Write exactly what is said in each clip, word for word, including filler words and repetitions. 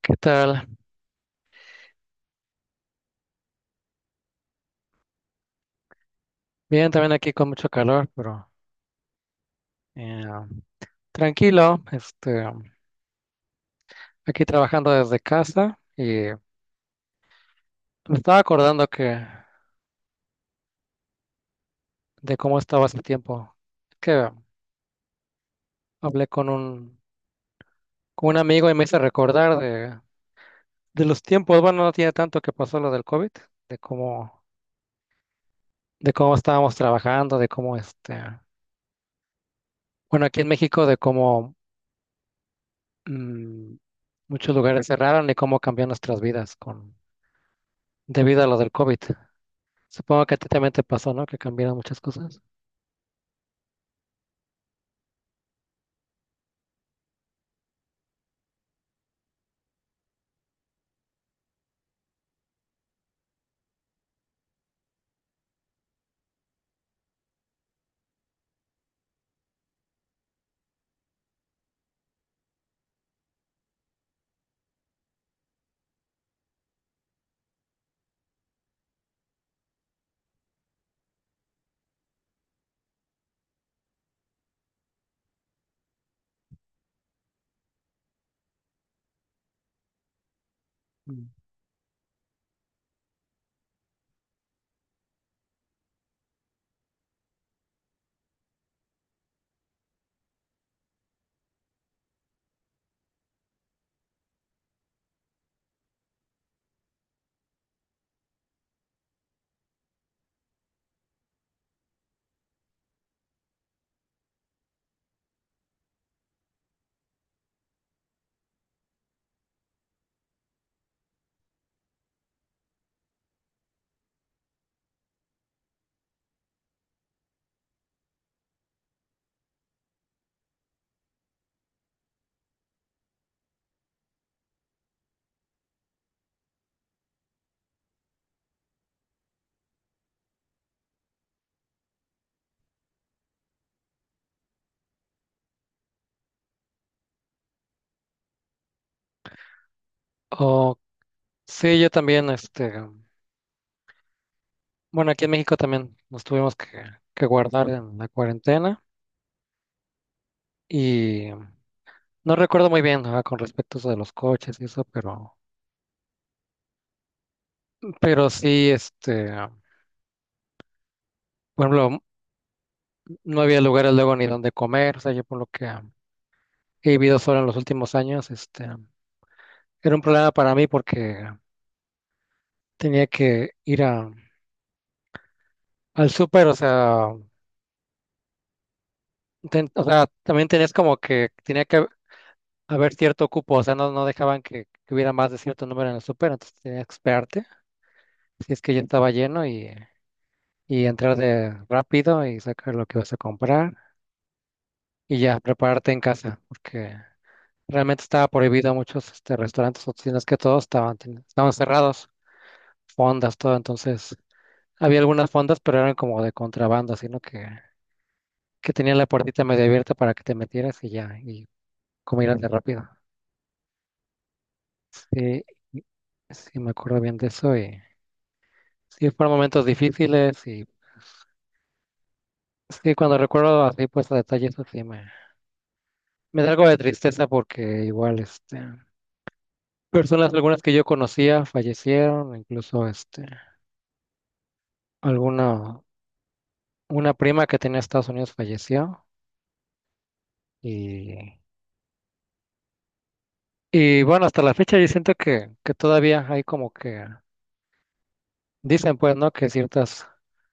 ¿Qué tal? Bien, también aquí con mucho calor, pero eh, tranquilo. Este, aquí trabajando desde casa y me estaba acordando que de cómo estaba hace tiempo. Que hablé con un con un amigo y me hice recordar de, de los tiempos. Bueno, no tiene tanto que pasó lo del COVID, de cómo de cómo estábamos trabajando, de cómo este, bueno, aquí en México de cómo mm, muchos lugares cerraron y cómo cambió nuestras vidas con debido a lo del COVID. Supongo que a ti también te pasó, ¿no? Que cambiaron muchas cosas. Mm. O sí, yo también, este, bueno, aquí en México también nos tuvimos que, que guardar en la cuarentena y no recuerdo muy bien, ah, con respecto a eso de los coches y eso, pero, pero sí, este, por ejemplo, no había lugares luego ni donde comer, o sea, yo por lo que he vivido solo en los últimos años, este, era un problema para mí porque tenía que ir a, al súper, o sea, ten- o sea, también tenías como que tenía que haber cierto cupo, o sea, no, no dejaban que, que hubiera más de cierto número en el súper, entonces tenías que esperarte, si es que ya estaba lleno y, y entrar de rápido y sacar lo que vas a comprar y ya prepararte en casa, porque realmente estaba prohibido muchos este, restaurantes o tiendas que todos estaban, ten- estaban cerrados, fondas, todo, entonces había algunas fondas, pero eran como de contrabando, sino que, que tenían la puertita medio abierta para que te metieras y ya, y comieras de rápido. Sí, sí, me acuerdo bien de eso y... Sí, fueron momentos difíciles y sí, cuando recuerdo así, pues a detalle eso sí me, me da algo de tristeza porque igual, este, personas algunas que yo conocía fallecieron, incluso, este, alguna, una prima que tenía en Estados Unidos falleció y, y bueno, hasta la fecha yo siento que, que todavía hay como que, dicen pues, ¿no? Que ciertas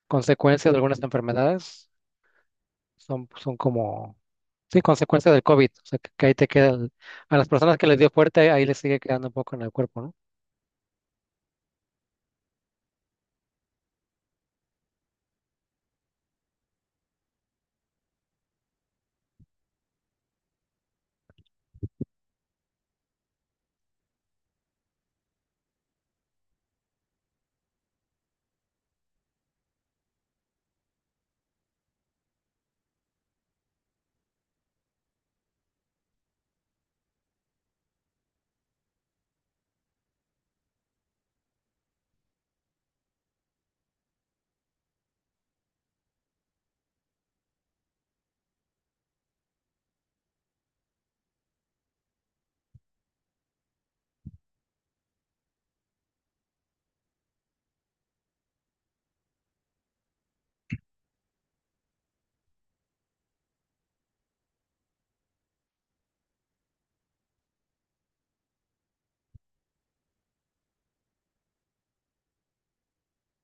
consecuencias de algunas enfermedades son, son como, sí, consecuencia del COVID. O sea, que, que ahí te queda, el- a las personas que les dio fuerte, ahí les sigue quedando un poco en el cuerpo,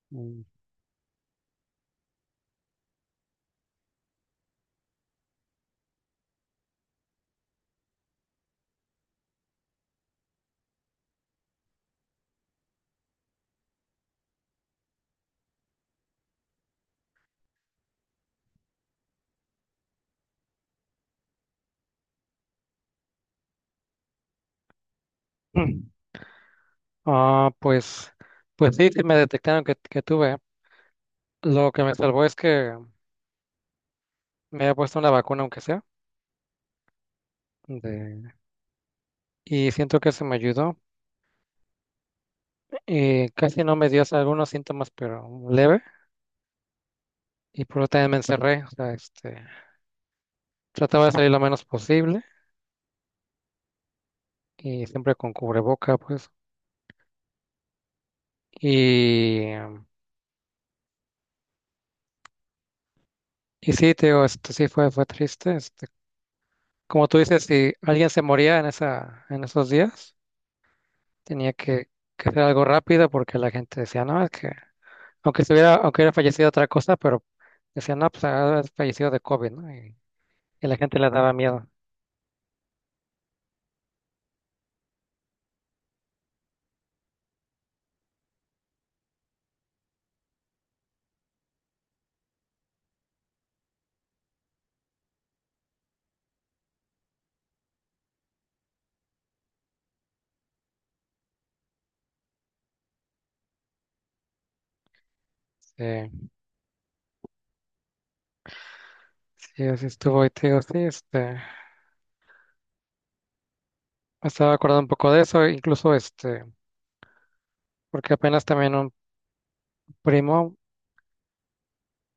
¿no? Mm. Ah, pues, pues sí, sí me detectaron que, que tuve. Lo que me salvó es que me había puesto una vacuna, aunque sea, de- y siento que eso me ayudó. Y casi no me dio o sea, algunos síntomas, pero leve. Y por eso también me encerré. O sea, este, trataba de salir lo menos posible y siempre con cubreboca, pues. Y y sí, te digo, esto sí fue, fue triste. Este, como tú dices, si alguien se moría en esa, en esos días, tenía que, que hacer algo rápido porque la gente decía, no, es que, aunque estuviera, aunque hubiera fallecido otra cosa, pero decían, no, pues ha de haber fallecido de COVID, ¿no? Y, y la gente le daba miedo. Sí, sí, así estuvo, y te digo, sí, este, me estaba acordando un poco de eso, incluso este, porque apenas también un primo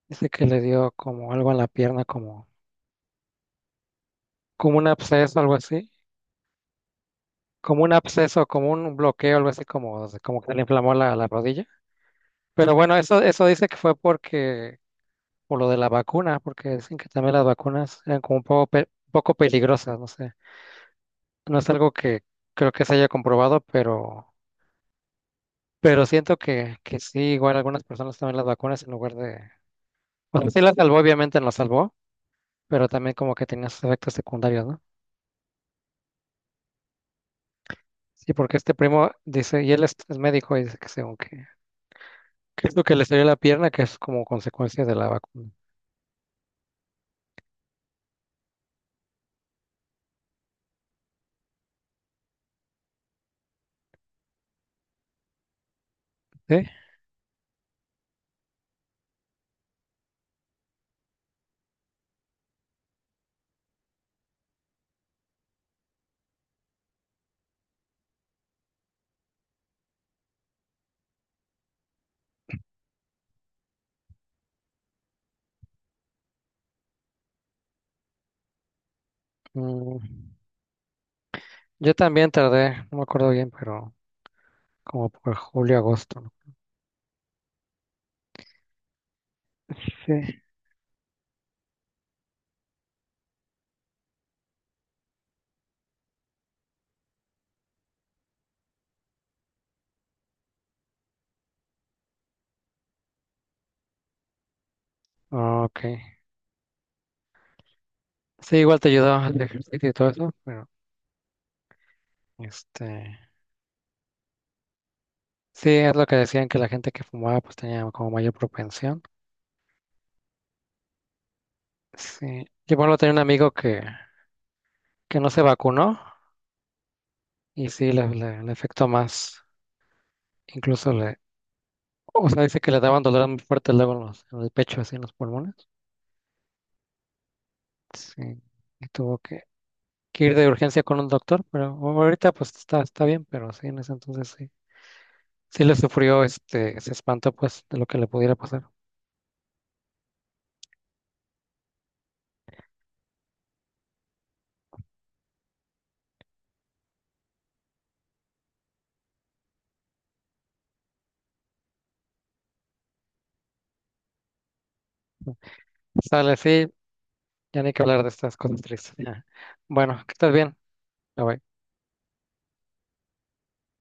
dice que le dio como algo en la pierna, como, como un absceso, algo así como un absceso, como un bloqueo, algo así como, como que se le inflamó la, la rodilla. Pero bueno, eso, eso dice que fue porque, por lo de la vacuna, porque dicen que también las vacunas eran como un poco, pe- un poco peligrosas, no sé. No es algo que creo que se haya comprobado, pero, pero siento que, que sí, igual algunas personas toman las vacunas en lugar de... O sea, sí las salvó, obviamente las salvó, pero también como que tenía sus efectos secundarios, ¿no? Sí, porque este primo dice, y él es, es médico y dice que según que, que es lo que le salió en la pierna, que es como consecuencia de la vacuna. Sí, mm, yo también tardé, no me acuerdo bien, pero como por julio, agosto, ¿no? Sí, ah, ok. Sí, igual te ayudó el ejercicio y todo eso, pero este, sí, es lo que decían que la gente que fumaba pues tenía como mayor propensión. Sí, yo por ejemplo tenía un amigo que, que no se vacunó y sí, le, le, le afectó más, incluso le, o sea, dice que le daban dolor muy fuerte luego en, los- en el pecho, así en los pulmones. Sí, y tuvo que, que ir de urgencia con un doctor, pero bueno, ahorita pues está, está bien, pero sí, en ese entonces sí. Sí le sufrió, este, se espantó pues de lo que le pudiera pasar. Sale, sí, ya ni que hablar de estas cosas tristes. Ya. Bueno, que estés bien. Bye, bye.